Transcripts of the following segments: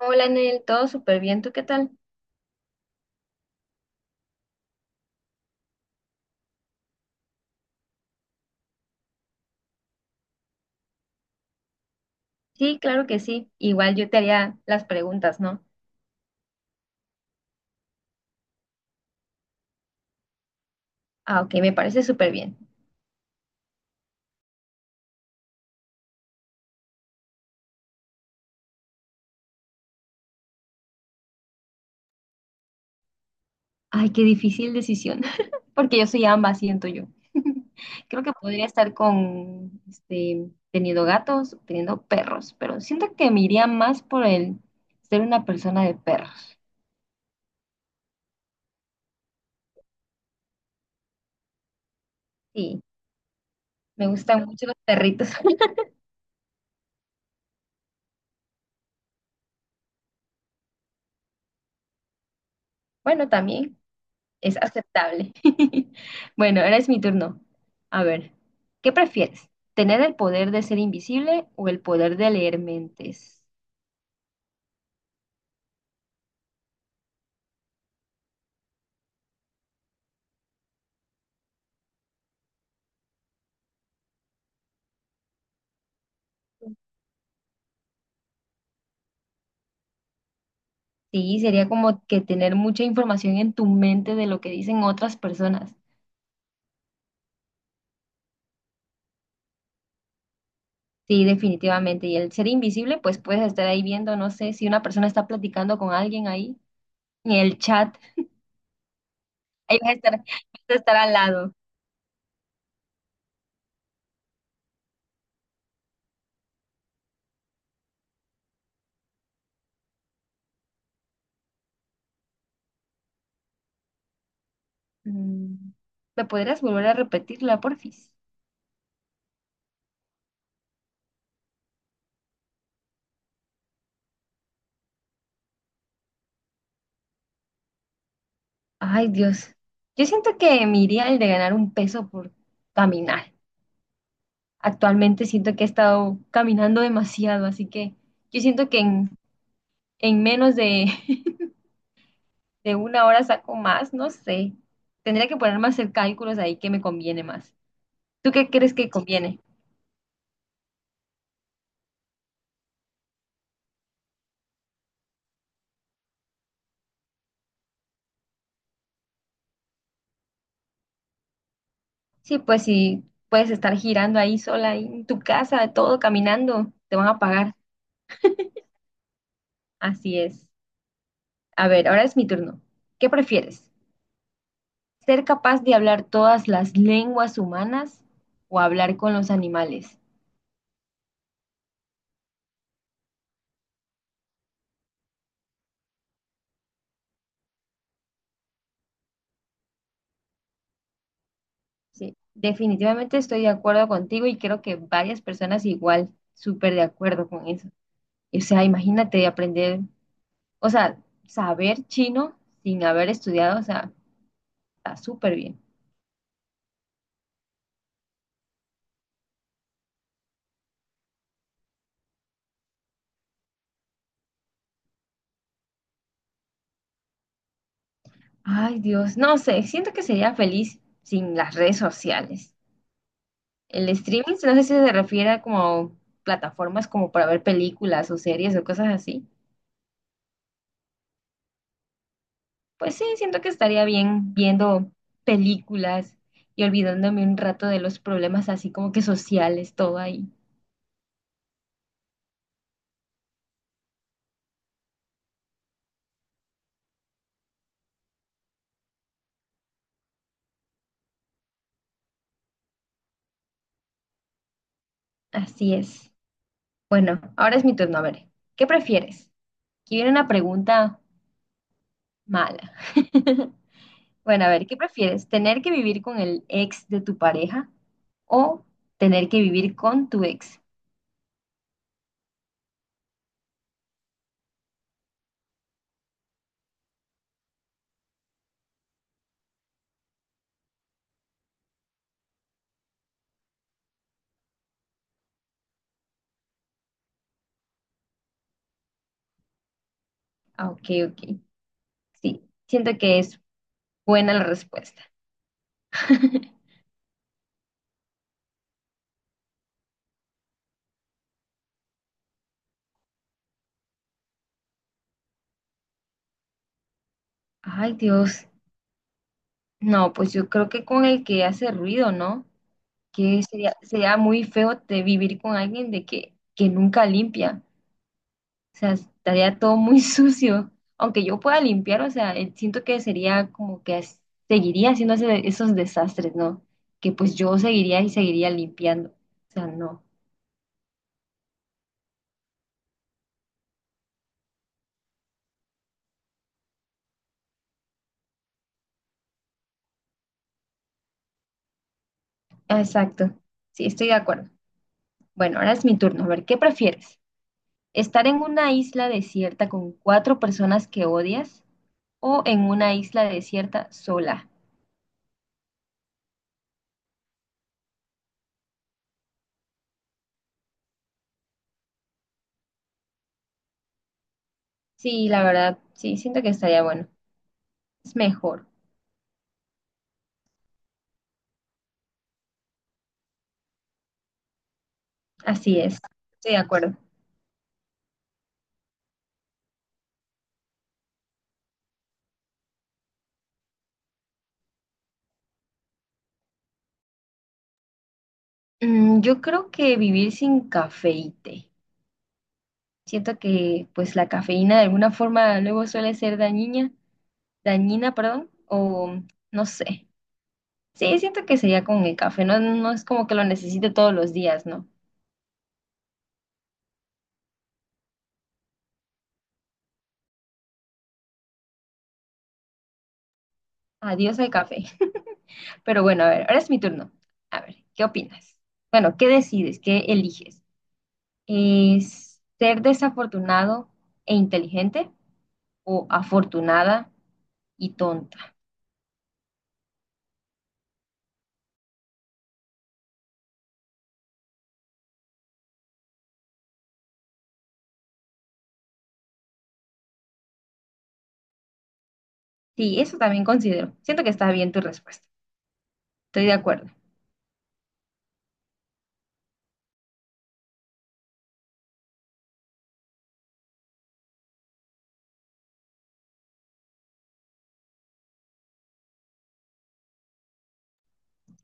Hola, Nel, todo súper bien, ¿tú qué tal? Sí, claro que sí. Igual yo te haría las preguntas, ¿no? Ah, ok, me parece súper bien. Ay, qué difícil decisión, porque yo soy ambas, siento yo. Creo que podría estar con, teniendo gatos, teniendo perros, pero siento que me iría más por el ser una persona de perros. Sí, me gustan mucho los perritos. Bueno, también. Es aceptable. Bueno, ahora es mi turno. A ver, ¿qué prefieres? ¿Tener el poder de ser invisible o el poder de leer mentes? Sí, sería como que tener mucha información en tu mente de lo que dicen otras personas. Sí, definitivamente. Y el ser invisible, pues puedes estar ahí viendo, no sé, si una persona está platicando con alguien ahí en el chat, ahí vas a estar al lado. Mm, ¿me podrías volver a repetirla, porfis? Ay, Dios. Yo siento que me iría el de ganar un peso por caminar. Actualmente siento que he estado caminando demasiado, así que yo siento que en menos de, de una hora saco más, no sé. Tendría que ponerme a hacer cálculos ahí que me conviene más. ¿Tú qué crees que conviene? Sí, pues si puedes estar girando ahí sola, ahí en tu casa, todo caminando, te van a pagar. Así es. A ver, ahora es mi turno. ¿Qué prefieres? Ser capaz de hablar todas las lenguas humanas o hablar con los animales. Sí, definitivamente estoy de acuerdo contigo y creo que varias personas igual, súper de acuerdo con eso. O sea, imagínate aprender, o sea, saber chino sin haber estudiado, o sea, está súper bien. Ay, Dios, no sé, siento que sería feliz sin las redes sociales. El streaming, no sé si se refiere a como plataformas como para ver películas o series o cosas así. Pues sí, siento que estaría bien viendo películas y olvidándome un rato de los problemas así como que sociales, todo ahí. Así es. Bueno, ahora es mi turno. A ver, ¿qué prefieres? Aquí viene una pregunta mala. Bueno, a ver, ¿qué prefieres? ¿Tener que vivir con el ex de tu pareja o tener que vivir con tu ex? Ah, ok, ok. Sí, siento que es buena la respuesta. Ay, Dios. No, pues yo creo que con el que hace ruido, ¿no? Que sería, sería muy feo de vivir con alguien de que nunca limpia. O sea, estaría todo muy sucio. Aunque yo pueda limpiar, o sea, siento que sería como que seguiría haciendo esos desastres, ¿no? Que pues yo seguiría y seguiría limpiando. O sea, no. Ah, exacto. Sí, estoy de acuerdo. Bueno, ahora es mi turno. A ver, ¿qué prefieres? ¿Estar en una isla desierta con cuatro personas que odias o en una isla desierta sola? Sí, la verdad, sí, siento que estaría bueno. Es mejor, así es, estoy de acuerdo. Mm, yo creo que vivir sin café y té. Siento que pues la cafeína de alguna forma luego suele ser dañina, dañina, perdón, o no sé. Sí, siento que sería con el café, no, no es como que lo necesite todos los días, ¿no? Adiós al café. Pero bueno, a ver, ahora es mi turno. A ver, ¿qué opinas? Bueno, ¿qué decides? ¿Qué eliges? ¿Es ser desafortunado e inteligente o afortunada y tonta? Sí, eso también considero. Siento que está bien tu respuesta. Estoy de acuerdo.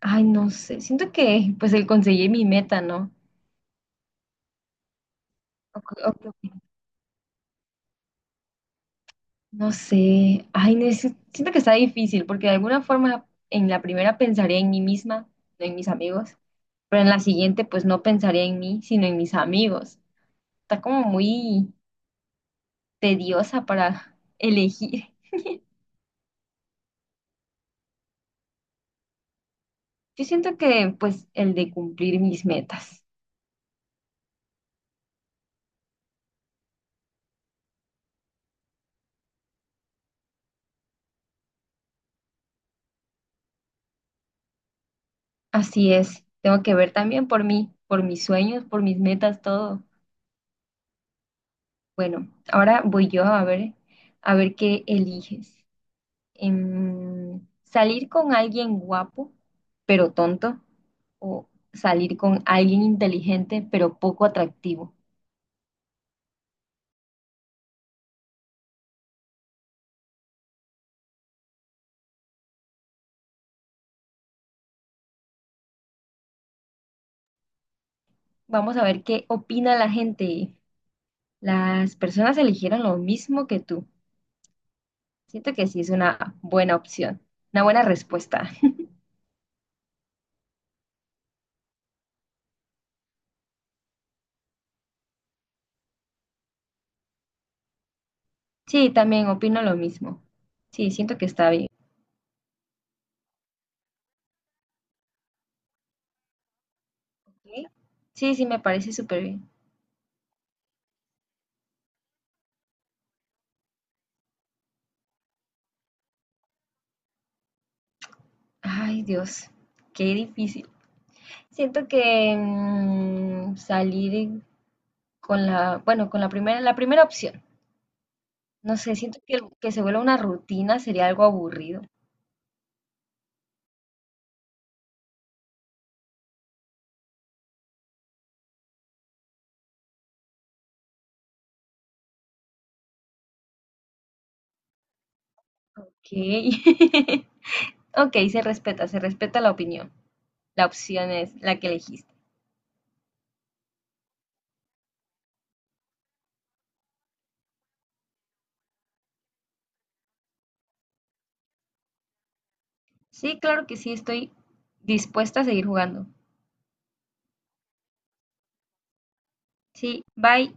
Ay, no sé. Siento que pues el conseguir mi meta, ¿no? O o qué opinas. No sé. Ay, siento que está difícil porque de alguna forma en la primera pensaría en mí misma, no en mis amigos, pero en la siguiente pues no pensaría en mí, sino en mis amigos. Está como muy tediosa para elegir. Yo siento que pues el de cumplir mis metas. Así es, tengo que ver también por mí, por mis sueños, por mis metas, todo. Bueno, ahora voy yo a ver qué eliges. ¿Salir con alguien guapo, pero tonto? ¿O salir con alguien inteligente, pero poco atractivo? Vamos a ver qué opina la gente. Las personas eligieron lo mismo que tú. Siento que sí es una buena opción, una buena respuesta. Sí, también opino lo mismo. Sí, siento que está bien. Sí, sí, sí, me parece súper bien. Ay, Dios, qué difícil. Siento que salir con la, bueno, con la primera opción. No sé, siento que se vuelva una rutina sería algo aburrido. Ok. Ok, se respeta la opinión. La opción es la que elegiste. Sí, claro que sí, estoy dispuesta a seguir jugando. Sí, bye.